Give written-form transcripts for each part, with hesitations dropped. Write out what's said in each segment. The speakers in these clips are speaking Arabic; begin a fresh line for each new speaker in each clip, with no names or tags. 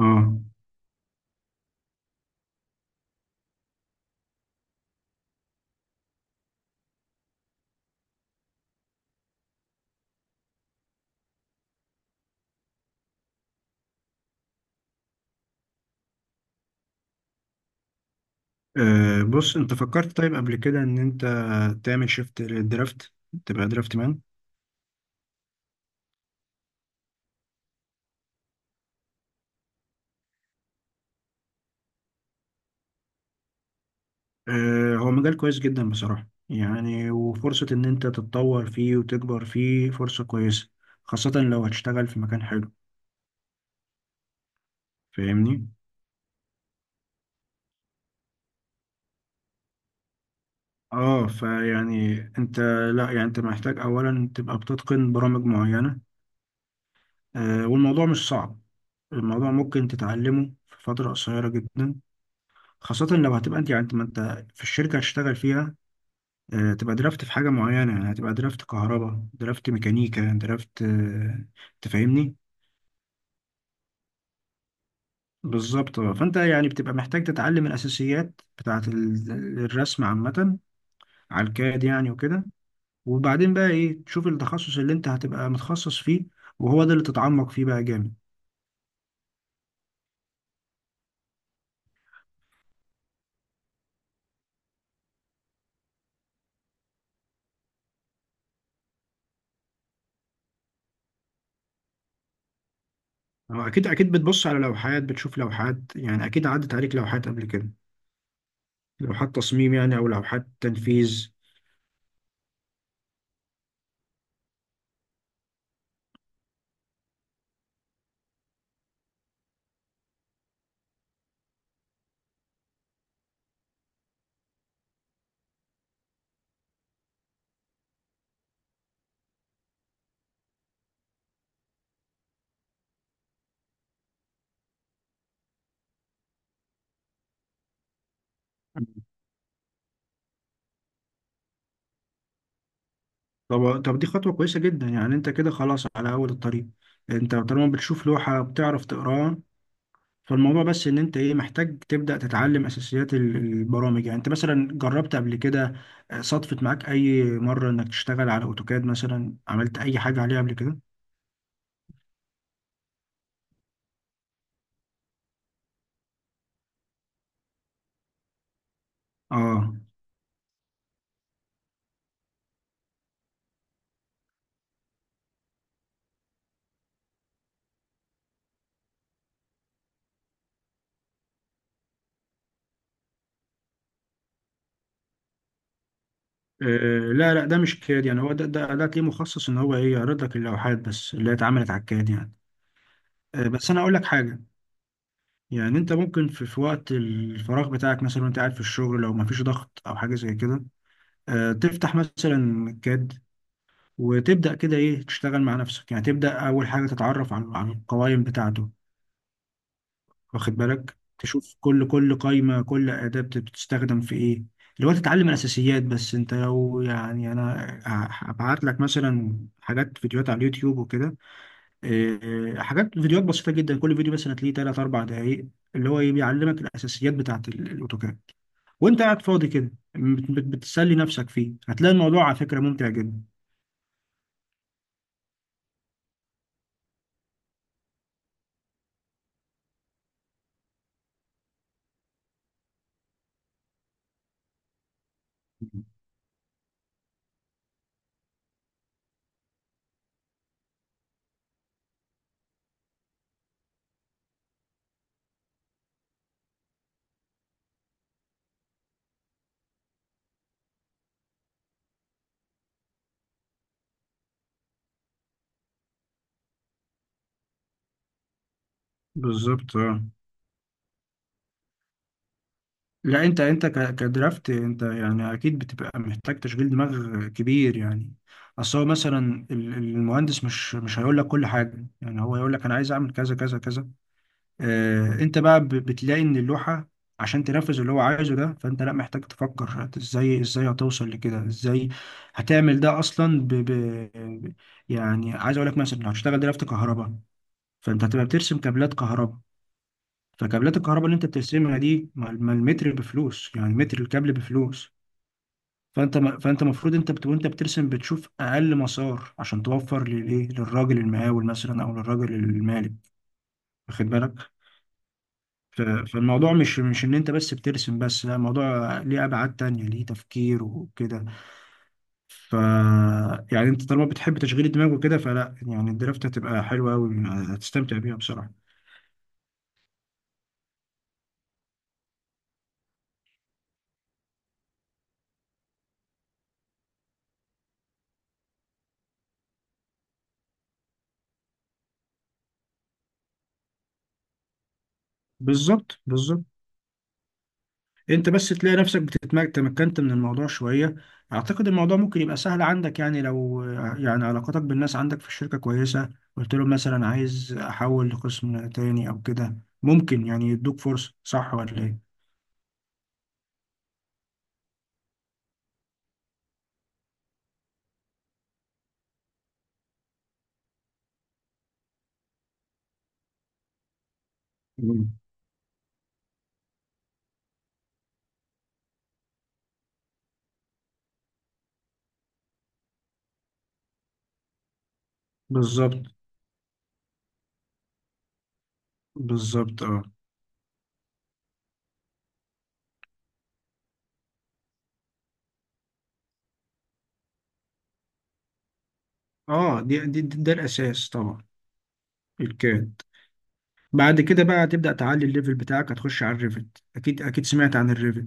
اه. بص، انت فكرت طيب قبل كده ان انت تعمل شيفت للدرافت، تبقى درافت مان. هو مجال كويس جدا بصراحة، يعني وفرصة ان انت تتطور فيه وتكبر فيه فرصة كويسة، خاصة لو هتشتغل في مكان حلو. فاهمني؟ اه فيعني انت، لا يعني انت محتاج اولا تبقى بتتقن برامج معينة. والموضوع مش صعب، الموضوع ممكن تتعلمه في فترة قصيرة جدا، خاصة لو هتبقى انت، يعني انت، ما انت في الشركة هتشتغل فيها تبقى درافت في حاجة معينة، يعني هتبقى درافت كهرباء، درافت ميكانيكا، درافت تفهمني؟ بالظبط، آه. فانت يعني بتبقى محتاج تتعلم الأساسيات بتاعة الرسم عامة، على الكاد يعني وكده. وبعدين بقى ايه، تشوف التخصص اللي انت هتبقى متخصص فيه، وهو ده اللي تتعمق فيه بقى جامد. اكيد اكيد بتبص على لوحات، بتشوف لوحات، يعني اكيد عدت عليك لوحات قبل كده، لوحات تصميم يعني او لوحات تنفيذ. طب طب دي خطوة كويسة جدا، يعني انت كده خلاص على اول الطريق. انت طالما بتشوف لوحة بتعرف تقراها، فالموضوع بس ان انت ايه، محتاج تبدأ تتعلم اساسيات البرامج. يعني انت مثلا جربت قبل كده، صدفت معاك اي مرة انك تشتغل على اوتوكاد مثلا، عملت اي حاجة عليه قبل كده؟ اه آه، لا لا، ده مش كاد يعني. هو ده ليه مخصص ان هو ايه، يعرض لك اللوحات بس اللي هي اتعملت على الكاد يعني. بس انا اقول لك حاجة. يعني انت ممكن في وقت الفراغ بتاعك مثلا، وانت قاعد في الشغل لو مفيش ضغط او حاجه زي كده، تفتح مثلا كاد، وتبدا كده ايه، تشتغل مع نفسك، يعني تبدا اول حاجه تتعرف على القوائم بتاعته، واخد بالك، تشوف كل قايمه، كل اداه بتستخدم في ايه، اللي هو تتعلم الاساسيات. بس انت لو يعني، انا هبعت لك مثلا حاجات فيديوهات على اليوتيوب وكده، إيه، حاجات فيديوهات بسيطة جدا، كل فيديو مثلا تلاقيه تلات أربع دقايق، اللي هو إيه، بيعلمك الأساسيات بتاعة الأوتوكاد. وأنت قاعد فاضي كده بتسلي نفسك فيه، هتلاقي الموضوع على فكرة ممتع جدا. بالظبط، اه. لا، أنت كدرافت، أنت يعني أكيد بتبقى محتاج تشغيل دماغ كبير يعني. أصل هو مثلا المهندس مش هيقول لك كل حاجة، يعني هو يقول لك أنا عايز أعمل كذا كذا كذا. انت بقى بتلاقي ان اللوحة عشان تنفذ اللي هو عايزه ده، فانت لا محتاج تفكر ازاي، ازاي هتوصل لكده، ازاي هتعمل ده اصلا ب- يعني عايز اقول لك مثلا، لو هتشتغل دلوقتي كهرباء، فانت هتبقى بترسم كابلات كهرباء. فكابلات الكهرباء اللي انت بترسمها دي، ما المتر بفلوس، يعني متر الكابل بفلوس. فانت ما فانت المفروض انت وانت بترسم بتشوف اقل مسار عشان توفر للايه، للراجل المقاول مثلا او للراجل المالك. واخد بالك؟ فالموضوع مش ان انت بس بترسم بس، لا الموضوع ليه ابعاد تانية، ليه تفكير وكده. ف يعني انت طالما بتحب تشغيل الدماغ وكده، فلا يعني الدرافت هتبقى حلوة قوي، هتستمتع بيها بصراحة. بالظبط بالظبط، انت بس تلاقي نفسك بتتمكن، تمكنت من الموضوع شوية، اعتقد الموضوع ممكن يبقى سهل عندك يعني. لو يعني علاقاتك بالناس عندك في الشركة كويسة، قلت لهم مثلا عايز احول لقسم تاني او كده، ممكن يعني يدوك فرصة. صح ولا ايه؟ مم. بالظبط بالظبط، اه. اه، دي ده الاساس طبعا، الكاد. بعد كده بقى هتبدا تعلي الليفل بتاعك، هتخش على الريفت. اكيد اكيد سمعت عن الريفت.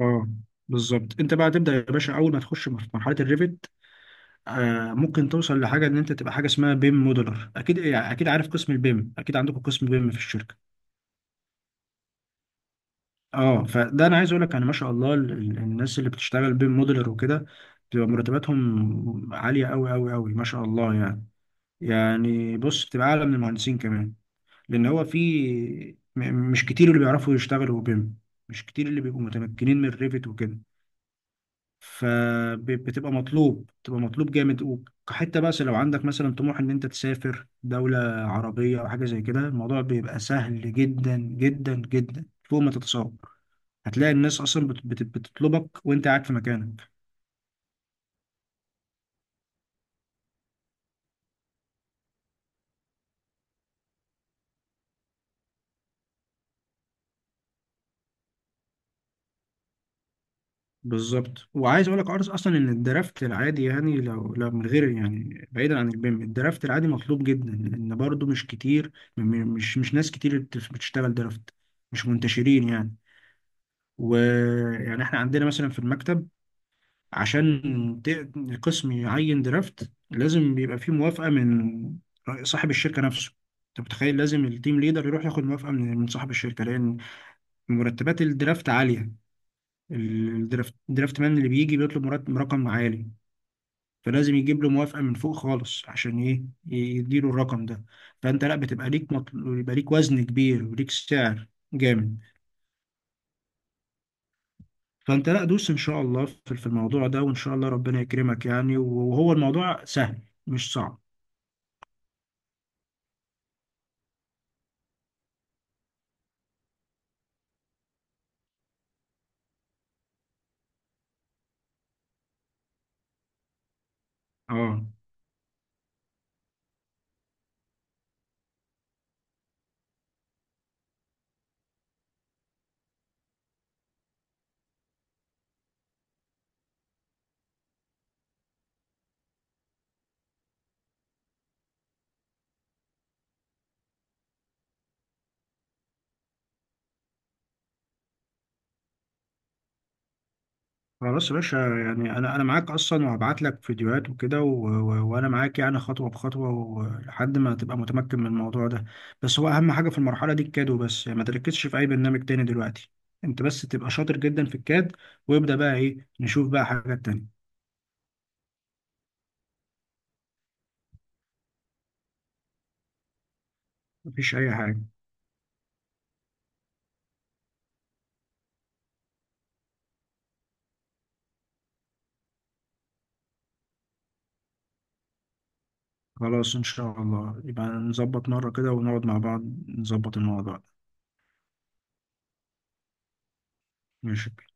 اه، بالظبط. انت بقى تبدا يا باشا، اول ما تخش في مرحله الريفت، آه ممكن توصل لحاجه ان انت تبقى حاجه اسمها بيم موديلر. اكيد يعني اكيد عارف قسم البيم، اكيد عندكم قسم بيم في الشركه. اه، فده انا عايز اقول لك، يعني ما شاء الله الناس اللي بتشتغل بيم موديلر وكده بتبقى مرتباتهم عاليه قوي قوي قوي ما شاء الله يعني. يعني بص، بتبقى اعلى من المهندسين كمان، لان هو في م- مش كتير اللي بيعرفوا يشتغلوا بيم، مش كتير اللي بيبقوا متمكنين من الريفت وكده. فبتبقى مطلوب، بتبقى مطلوب جامد، وكحته بقى. لو عندك مثلا طموح ان انت تسافر دولة عربية او حاجة زي كده، الموضوع بيبقى سهل جدا جدا جدا فوق ما تتصور. هتلاقي الناس اصلا بتطلبك وانت قاعد في مكانك. بالظبط. وعايز اقول لك، عارف اصلا ان الدرافت العادي، يعني لو من غير يعني بعيدا عن البيم، الدرافت العادي مطلوب جدا، لان برضو مش كتير، مش ناس كتير بتشتغل درافت، مش منتشرين يعني. ويعني احنا عندنا مثلا في المكتب، عشان القسم يعين درافت، لازم بيبقى فيه موافقة من صاحب الشركة نفسه. انت متخيل، لازم التيم ليدر يروح ياخد موافقة من صاحب الشركة، لان مرتبات الدرافت عالية. الدرافت، الدرافت مان اللي بيجي بيطلب مرتب رقم عالي، فلازم يجيب له موافقة من فوق خالص عشان ايه، يديله الرقم ده. فانت لا بتبقى ليك يبقى ليك وزن كبير وليك سعر جامد. فانت لا دوس ان شاء الله في الموضوع ده، وان شاء الله ربنا يكرمك يعني. وهو الموضوع سهل، مش صعب. اه، خلاص يا باشا، يعني انا معاك اصلا، وهبعت لك فيديوهات وكده وانا معاك يعني خطوه بخطوه، ولحد ما تبقى متمكن من الموضوع ده. بس هو اهم حاجه في المرحله دي الكادو بس، يعني ما تركزش في اي برنامج تاني دلوقتي، انت بس تبقى شاطر جدا في الكاد، وابدا بقى ايه، نشوف بقى حاجات تانية. مفيش اي حاجه. خلاص ان شاء الله، يبقى نظبط مره كده ونقعد مع بعض، نظبط الموضوع ده. ماشي.